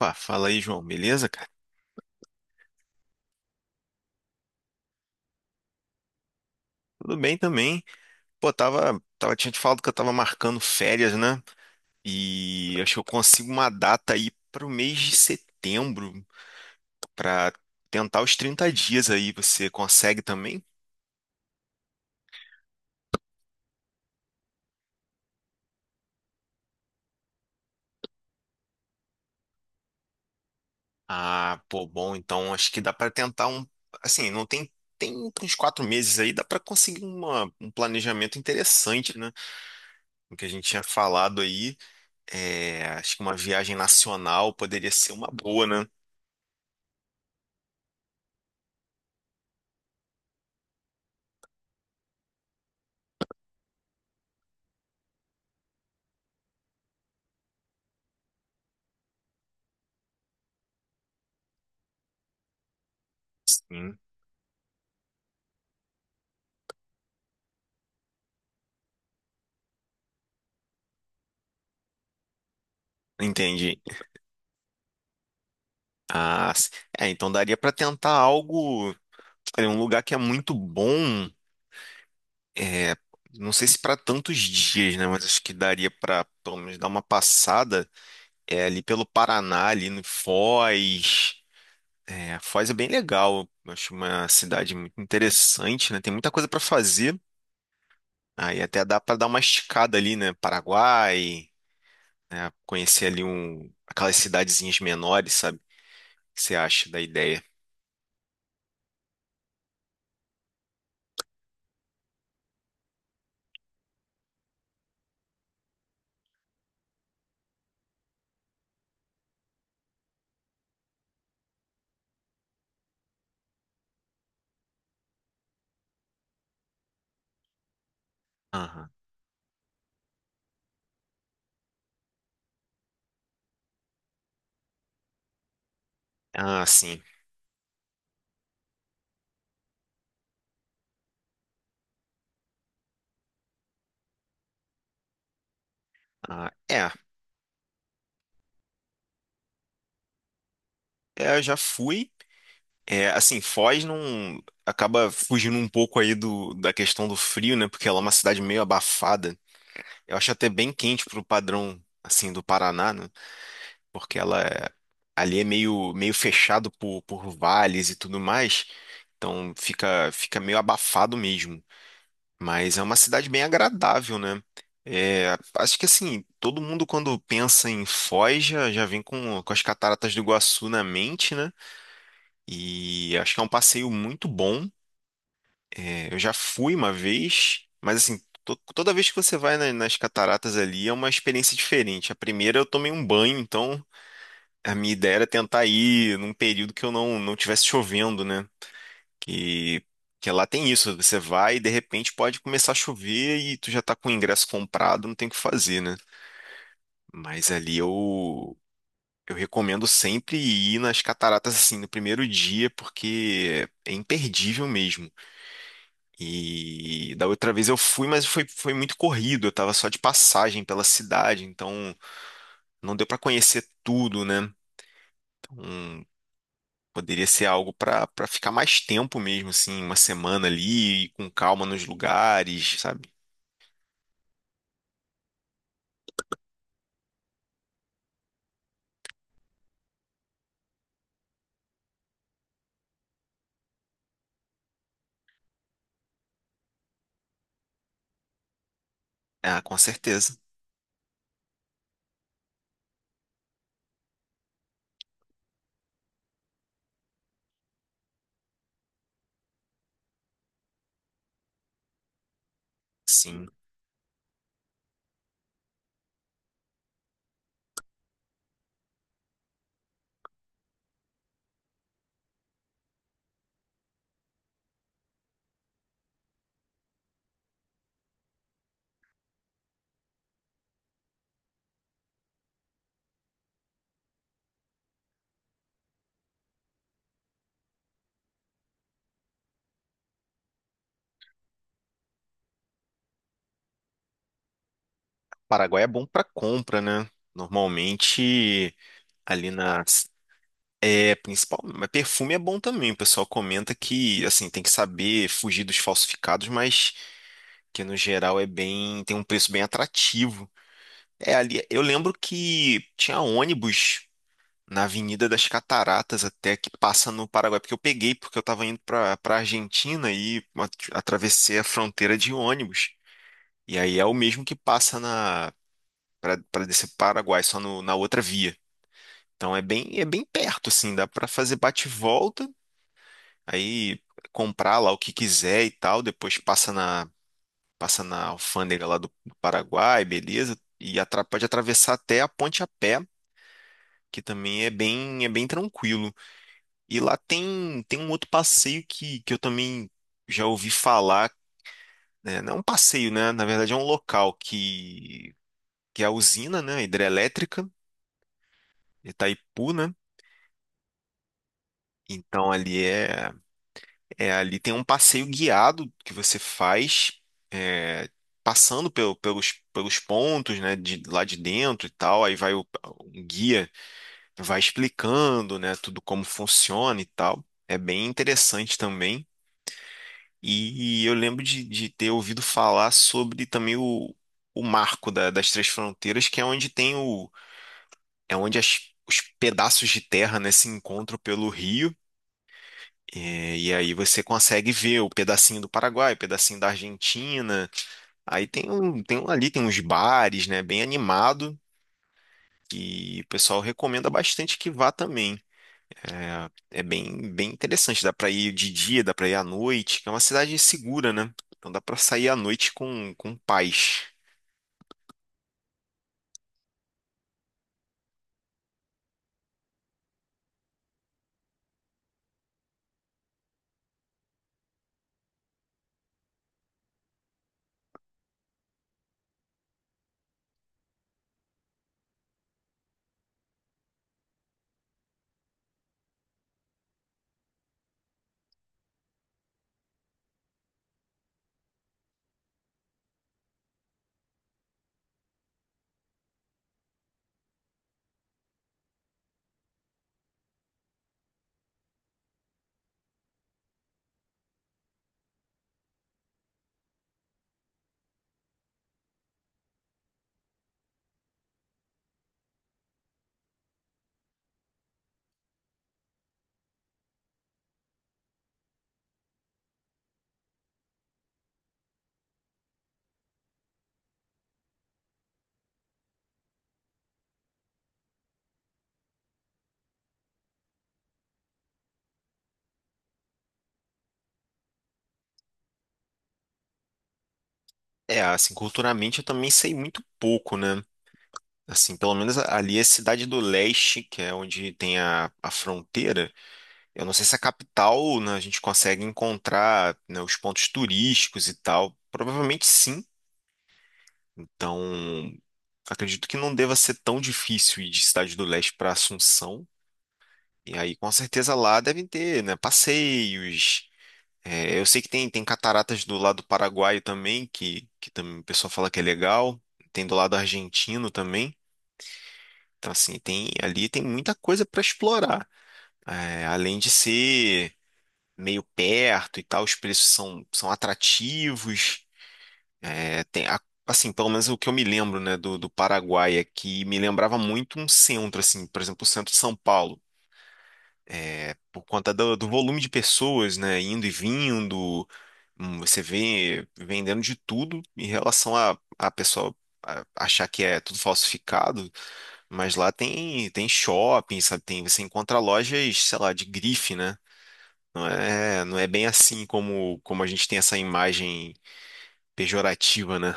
Opa, fala aí, João. Beleza, cara? Tudo bem também. Pô, tinha te falado que eu tava marcando férias, né? E acho que eu consigo uma data aí pro mês de setembro pra tentar os 30 dias aí. Você consegue também? Ah, pô, bom, então acho que dá pra tentar um, assim, não tem tem uns 4 meses aí, dá pra conseguir uma, um planejamento interessante, né? O que a gente tinha falado aí, acho que uma viagem nacional poderia ser uma boa, né? Sim. Entendi. Ah, é, então daria para tentar algo, é, um lugar que é muito bom, é, não sei se para tantos dias, né, mas acho que daria para pelo menos dar uma passada ali pelo Paraná, ali no Foz. É, Foz é bem legal, eu acho uma cidade muito interessante, né, tem muita coisa para fazer. Aí até dá para dar uma esticada ali, né, Paraguai, né, conhecer ali um, aquelas cidadezinhas menores, sabe? O que você acha da ideia? Aham. Ah, sim. Ah, é. É, eu já fui. É, assim, Foz não acaba fugindo um pouco aí do, da questão do frio, né? Porque ela é uma cidade meio abafada. Eu acho até bem quente pro padrão, assim, do Paraná, né? Porque ela é, ali é meio fechado por vales e tudo mais. Então fica meio abafado mesmo. Mas é uma cidade bem agradável, né? É, acho que assim, todo mundo quando pensa em Foz já, já vem com as cataratas do Iguaçu na mente, né? E acho que é um passeio muito bom. É, eu já fui uma vez, mas assim, toda vez que você vai nas cataratas ali é uma experiência diferente. A primeira eu tomei um banho, então a minha ideia era tentar ir num período que eu não tivesse chovendo, né? Que que lá tem isso, você vai e de repente pode começar a chover e tu já tá com o ingresso comprado, não tem o que fazer, né? Mas ali eu recomendo sempre ir nas cataratas assim no primeiro dia, porque é imperdível mesmo. E da outra vez eu fui, mas foi, foi muito corrido. Eu tava só de passagem pela cidade, então não deu pra conhecer tudo, né? Então, poderia ser algo pra para ficar mais tempo mesmo, assim, uma semana ali, e com calma nos lugares, sabe? Ah, com certeza. Sim. Paraguai é bom pra compra, né? Normalmente ali nas é, principal, mas perfume é bom também. O pessoal comenta que, assim, tem que saber fugir dos falsificados, mas que no geral é bem, tem um preço bem atrativo. É ali, eu lembro que tinha ônibus na Avenida das Cataratas até que passa no Paraguai, porque eu peguei porque eu estava indo para Argentina e atravessei a fronteira de ônibus. E aí é o mesmo que passa na para descer pro Paraguai, só na outra via. Então é bem perto assim, dá para fazer bate e volta, aí comprar lá o que quiser e tal, depois passa na alfândega lá do Paraguai, beleza? E pode atravessar até a ponte a pé, que também é bem tranquilo. E lá tem, tem um outro passeio que eu também já ouvi falar, né? Não é um passeio, né? Na verdade é um local que é a usina, né? Hidrelétrica, Itaipu, né? Então ali é, é ali tem um passeio guiado que você faz é, passando pelos, pelos pontos, né, de, lá de dentro e tal, aí vai o, um guia vai explicando, né, tudo como funciona e tal. É bem interessante também. E eu lembro de ter ouvido falar sobre também o marco das 3 fronteiras, que é onde tem o, é onde os pedaços de terra, né, se encontram pelo rio. É, e aí você consegue ver o pedacinho do Paraguai, o pedacinho da Argentina. Aí tem um ali, tem uns bares, né, bem animado. E o pessoal recomenda bastante que vá também. É é bem interessante. Dá pra ir de dia, dá pra ir à noite, que é uma cidade segura, né? Então dá pra sair à noite com paz. É, assim, culturalmente eu também sei muito pouco, né? Assim, pelo menos ali é Cidade do Leste, que é onde tem a fronteira. Eu não sei se a capital, né, a gente consegue encontrar, né, os pontos turísticos e tal. Provavelmente sim. Então, acredito que não deva ser tão difícil ir de Cidade do Leste para Assunção. E aí, com certeza lá devem ter, né, passeios. É, eu sei que tem, tem cataratas do lado paraguaio também, que também o pessoal fala que é legal. Tem do lado argentino também. Então, assim, tem, ali tem muita coisa para explorar. É, além de ser meio perto e tal, os preços são, são atrativos. É, tem, assim, pelo menos o que eu me lembro, né, do, do Paraguai é que me lembrava muito um centro, assim, por exemplo, o centro de São Paulo. É, por conta do, do volume de pessoas, né, indo e vindo, você vê vendendo de tudo em relação a pessoa achar que é tudo falsificado, mas lá tem shopping, sabe, tem você encontra lojas, sei lá, de grife, né? Não é bem assim como a gente tem essa imagem pejorativa, né?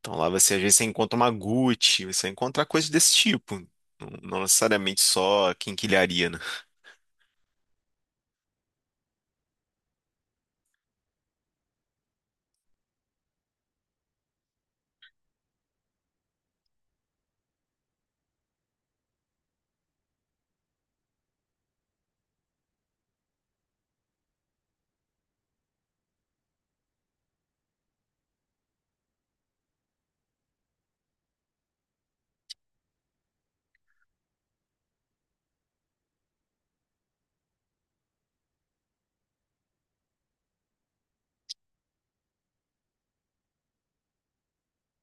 Então lá você às vezes você encontra uma Gucci, você encontra coisas desse tipo. Não, não necessariamente só quinquilharia, né?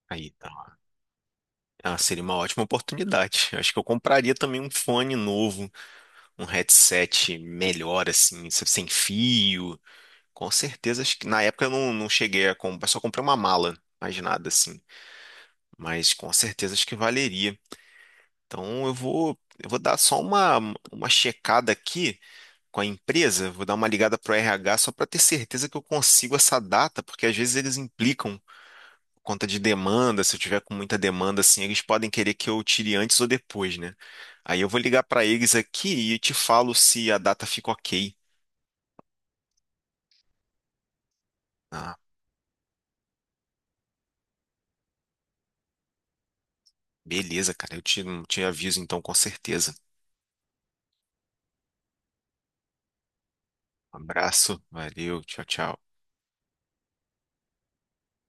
Aí. Ah, seria uma ótima oportunidade. Eu acho que eu compraria também um fone novo, um headset melhor, assim, sem fio. Com certeza, acho que na época eu não cheguei a comprar, só comprei uma mala, mais nada assim. Mas com certeza acho que valeria. Então eu vou dar só uma checada aqui com a empresa, vou dar uma ligada pro RH só para ter certeza que eu consigo essa data, porque às vezes eles implicam conta de demanda, se eu tiver com muita demanda, assim, eles podem querer que eu tire antes ou depois, né? Aí eu vou ligar para eles aqui e te falo se a data fica ok. Ah, beleza, cara. Te aviso então, com certeza. Um abraço, valeu, tchau, tchau.